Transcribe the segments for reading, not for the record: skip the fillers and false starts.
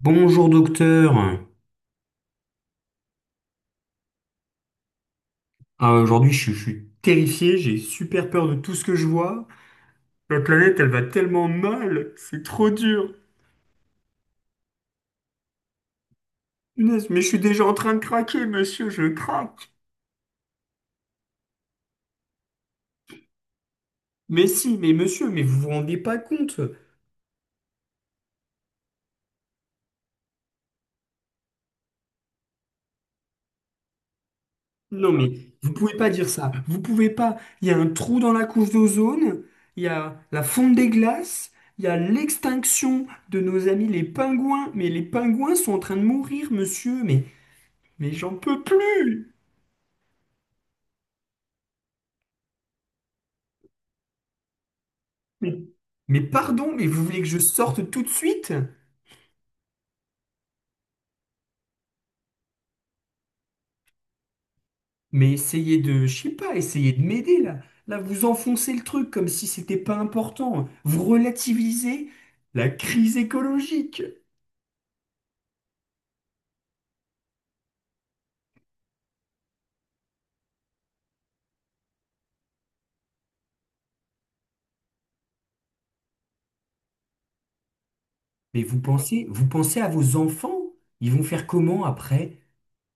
Bonjour docteur. Aujourd'hui, je suis terrifié, j'ai super peur de tout ce que je vois. La planète, elle va tellement mal, c'est trop dur. Punaise, mais je suis déjà en train de craquer, monsieur, je craque. Mais si, mais monsieur, mais vous vous rendez pas compte. Non, mais vous pouvez pas dire ça. Vous pouvez pas. Il y a un trou dans la couche d'ozone, il y a la fonte des glaces, il y a l'extinction de nos amis les pingouins. Mais les pingouins sont en train de mourir, monsieur, mais j'en peux plus. Mais, mais pardon, mais vous voulez que je sorte tout de suite? Mais essayez de, je sais pas, essayez de m'aider là. Là, vous enfoncez le truc comme si c'était pas important. Vous relativisez la crise écologique. Mais vous pensez à vos enfants? Ils vont faire comment après?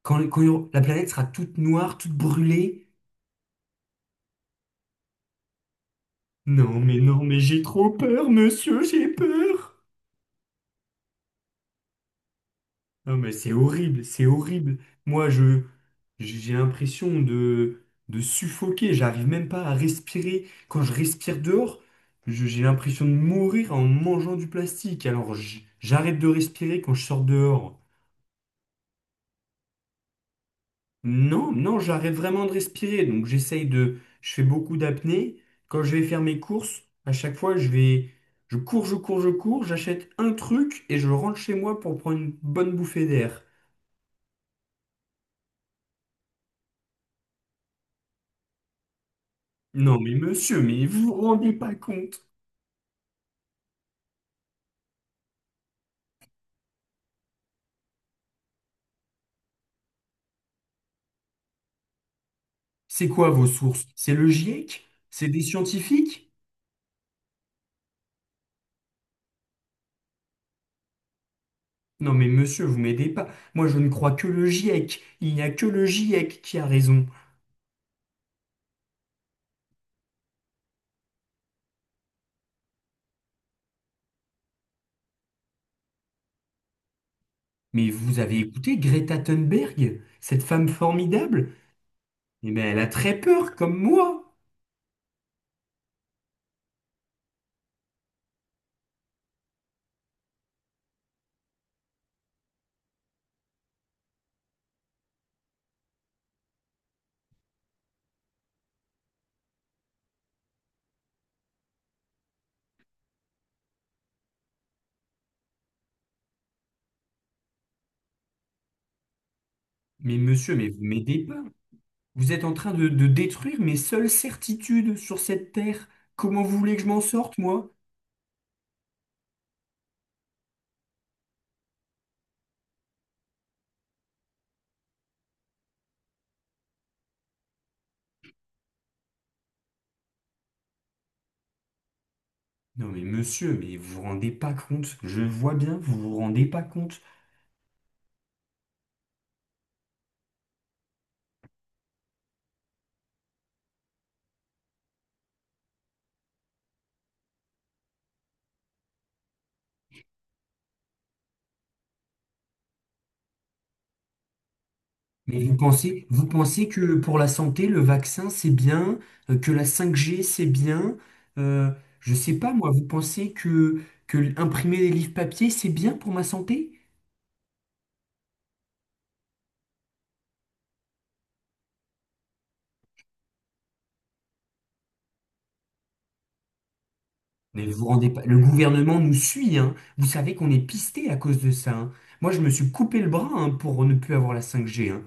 Quand la planète sera toute noire, toute brûlée? Non, mais non, mais j'ai trop peur, monsieur, j'ai peur. Non, mais c'est horrible, c'est horrible. Moi, je, j'ai l'impression de suffoquer. J'arrive même pas à respirer. Quand je respire dehors, j'ai l'impression de mourir en mangeant du plastique. Alors, j'arrête de respirer quand je sors dehors. Non, non, j'arrête vraiment de respirer. Donc, je fais beaucoup d'apnée. Quand je vais faire mes courses, à chaque fois, je vais, je cours, j'achète un truc et je rentre chez moi pour prendre une bonne bouffée d'air. Non, mais monsieur, mais vous vous rendez pas compte. C'est quoi vos sources? C'est le GIEC? C'est des scientifiques? Non, mais monsieur, vous m'aidez pas. Moi, je ne crois que le GIEC. Il n'y a que le GIEC qui a raison. Mais vous avez écouté Greta Thunberg, cette femme formidable? Eh bien, elle a très peur, comme moi. Mais monsieur, mais vous m'aidez pas. Vous êtes en train de détruire mes seules certitudes sur cette terre. Comment vous voulez que je m'en sorte, moi? Non, mais monsieur, mais vous vous rendez pas compte. Je vois bien, vous vous rendez pas compte. Mais vous pensez que pour la santé, le vaccin, c'est bien, que la 5G, c'est bien. Euh, je sais pas, moi, que imprimer des livres papier, c'est bien pour ma santé? Mais vous vous rendez pas. Le gouvernement nous suit, hein. Vous savez qu'on est pisté à cause de ça, hein. Moi, je me suis coupé le bras, hein, pour ne plus avoir la 5G, hein.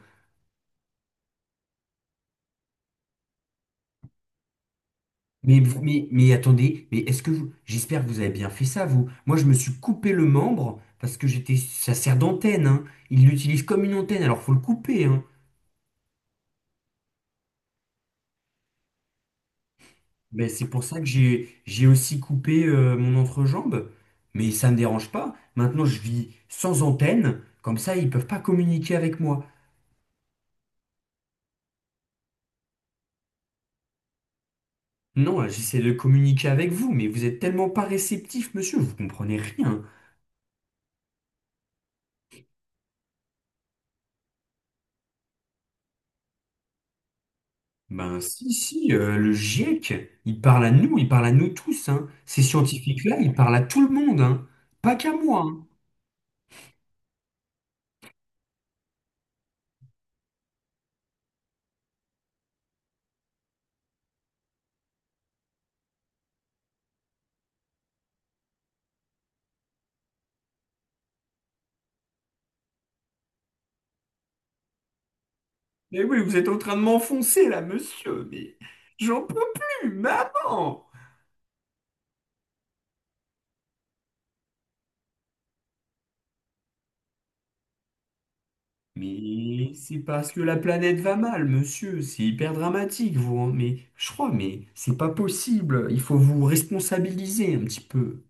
Mais attendez, mais est-ce que vous. J'espère que vous avez bien fait ça, vous. Moi, je me suis coupé le membre parce que j'étais. Ça sert d'antenne, hein. Il l'utilise comme une antenne, alors faut le couper, hein. Ben, c'est pour ça que j'ai aussi coupé mon entrejambe, mais ça ne me dérange pas. Maintenant, je vis sans antenne, comme ça, ils ne peuvent pas communiquer avec moi. Non, là, j'essaie de communiquer avec vous, mais vous êtes tellement pas réceptif, monsieur, vous comprenez rien. Ben si, si, le GIEC, il parle à nous, il parle à nous tous, hein. Ces scientifiques-là, ils parlent à tout le monde, hein. Pas qu'à moi, hein. Mais oui, vous êtes en train de m'enfoncer là, monsieur, mais j'en peux plus, maman! Mais c'est parce que la planète va mal, monsieur. C'est hyper dramatique, vous. Hein. Mais je crois, mais c'est pas possible. Il faut vous responsabiliser un petit peu.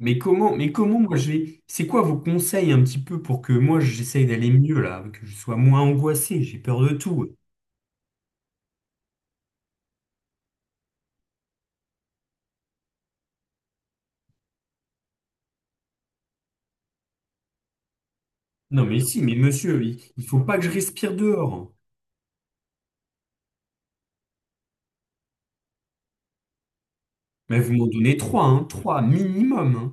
Mais comment moi je vais. C'est quoi vos conseils un petit peu pour que moi j'essaye d'aller mieux là, que je sois moins angoissé. J'ai peur de tout. Non mais si, mais monsieur, il faut pas que je respire dehors. Mais vous m'en donnez trois, hein, trois minimum. Hein.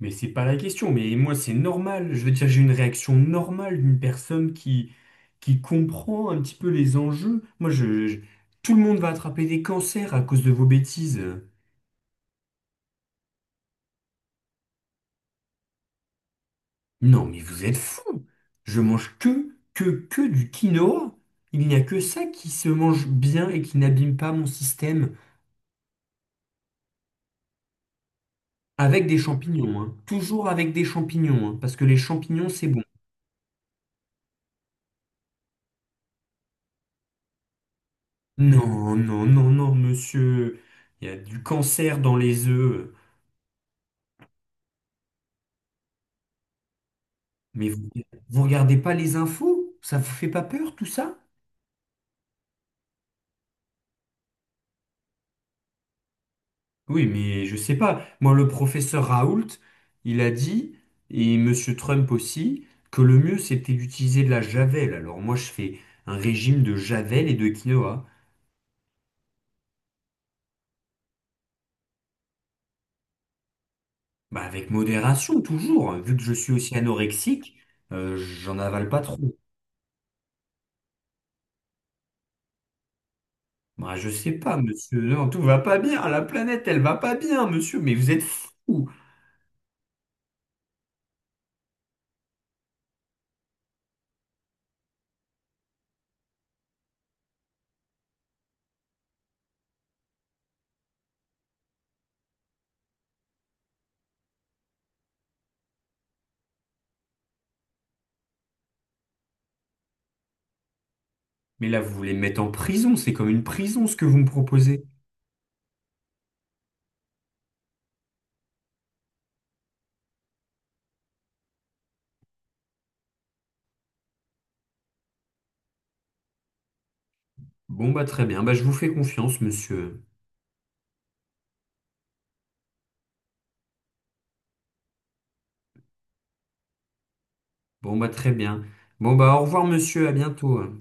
Mais c'est pas la question. Mais moi, c'est normal. Je veux dire, j'ai une réaction normale d'une personne qui comprend un petit peu les enjeux. Moi, tout le monde va attraper des cancers à cause de vos bêtises. Non, mais vous êtes fous. Je mange que du quinoa. Il n'y a que ça qui se mange bien et qui n'abîme pas mon système. Avec des champignons, hein. Toujours avec des champignons, hein, parce que les champignons, c'est bon. Non, non, non, non, monsieur. Il y a du cancer dans les œufs. Mais vous, vous regardez pas les infos? Ça vous fait pas peur tout ça? Oui, mais je sais pas. Moi, le professeur Raoult, il a dit, et Monsieur Trump aussi, que le mieux c'était d'utiliser de la javel. Alors moi, je fais un régime de javel et de quinoa. Bah, avec modération, toujours. Vu que je suis aussi anorexique, j'en avale pas trop. Bah, je sais pas, monsieur. Non, tout va pas bien. La planète, elle va pas bien, monsieur. Mais vous êtes fou. Mais là, vous voulez me mettre en prison. C'est comme une prison, ce que vous me proposez. Bon, bah très bien. Bah, je vous fais confiance, monsieur. Bon, bah très bien. Bon, bah au revoir, monsieur. À bientôt. Hein.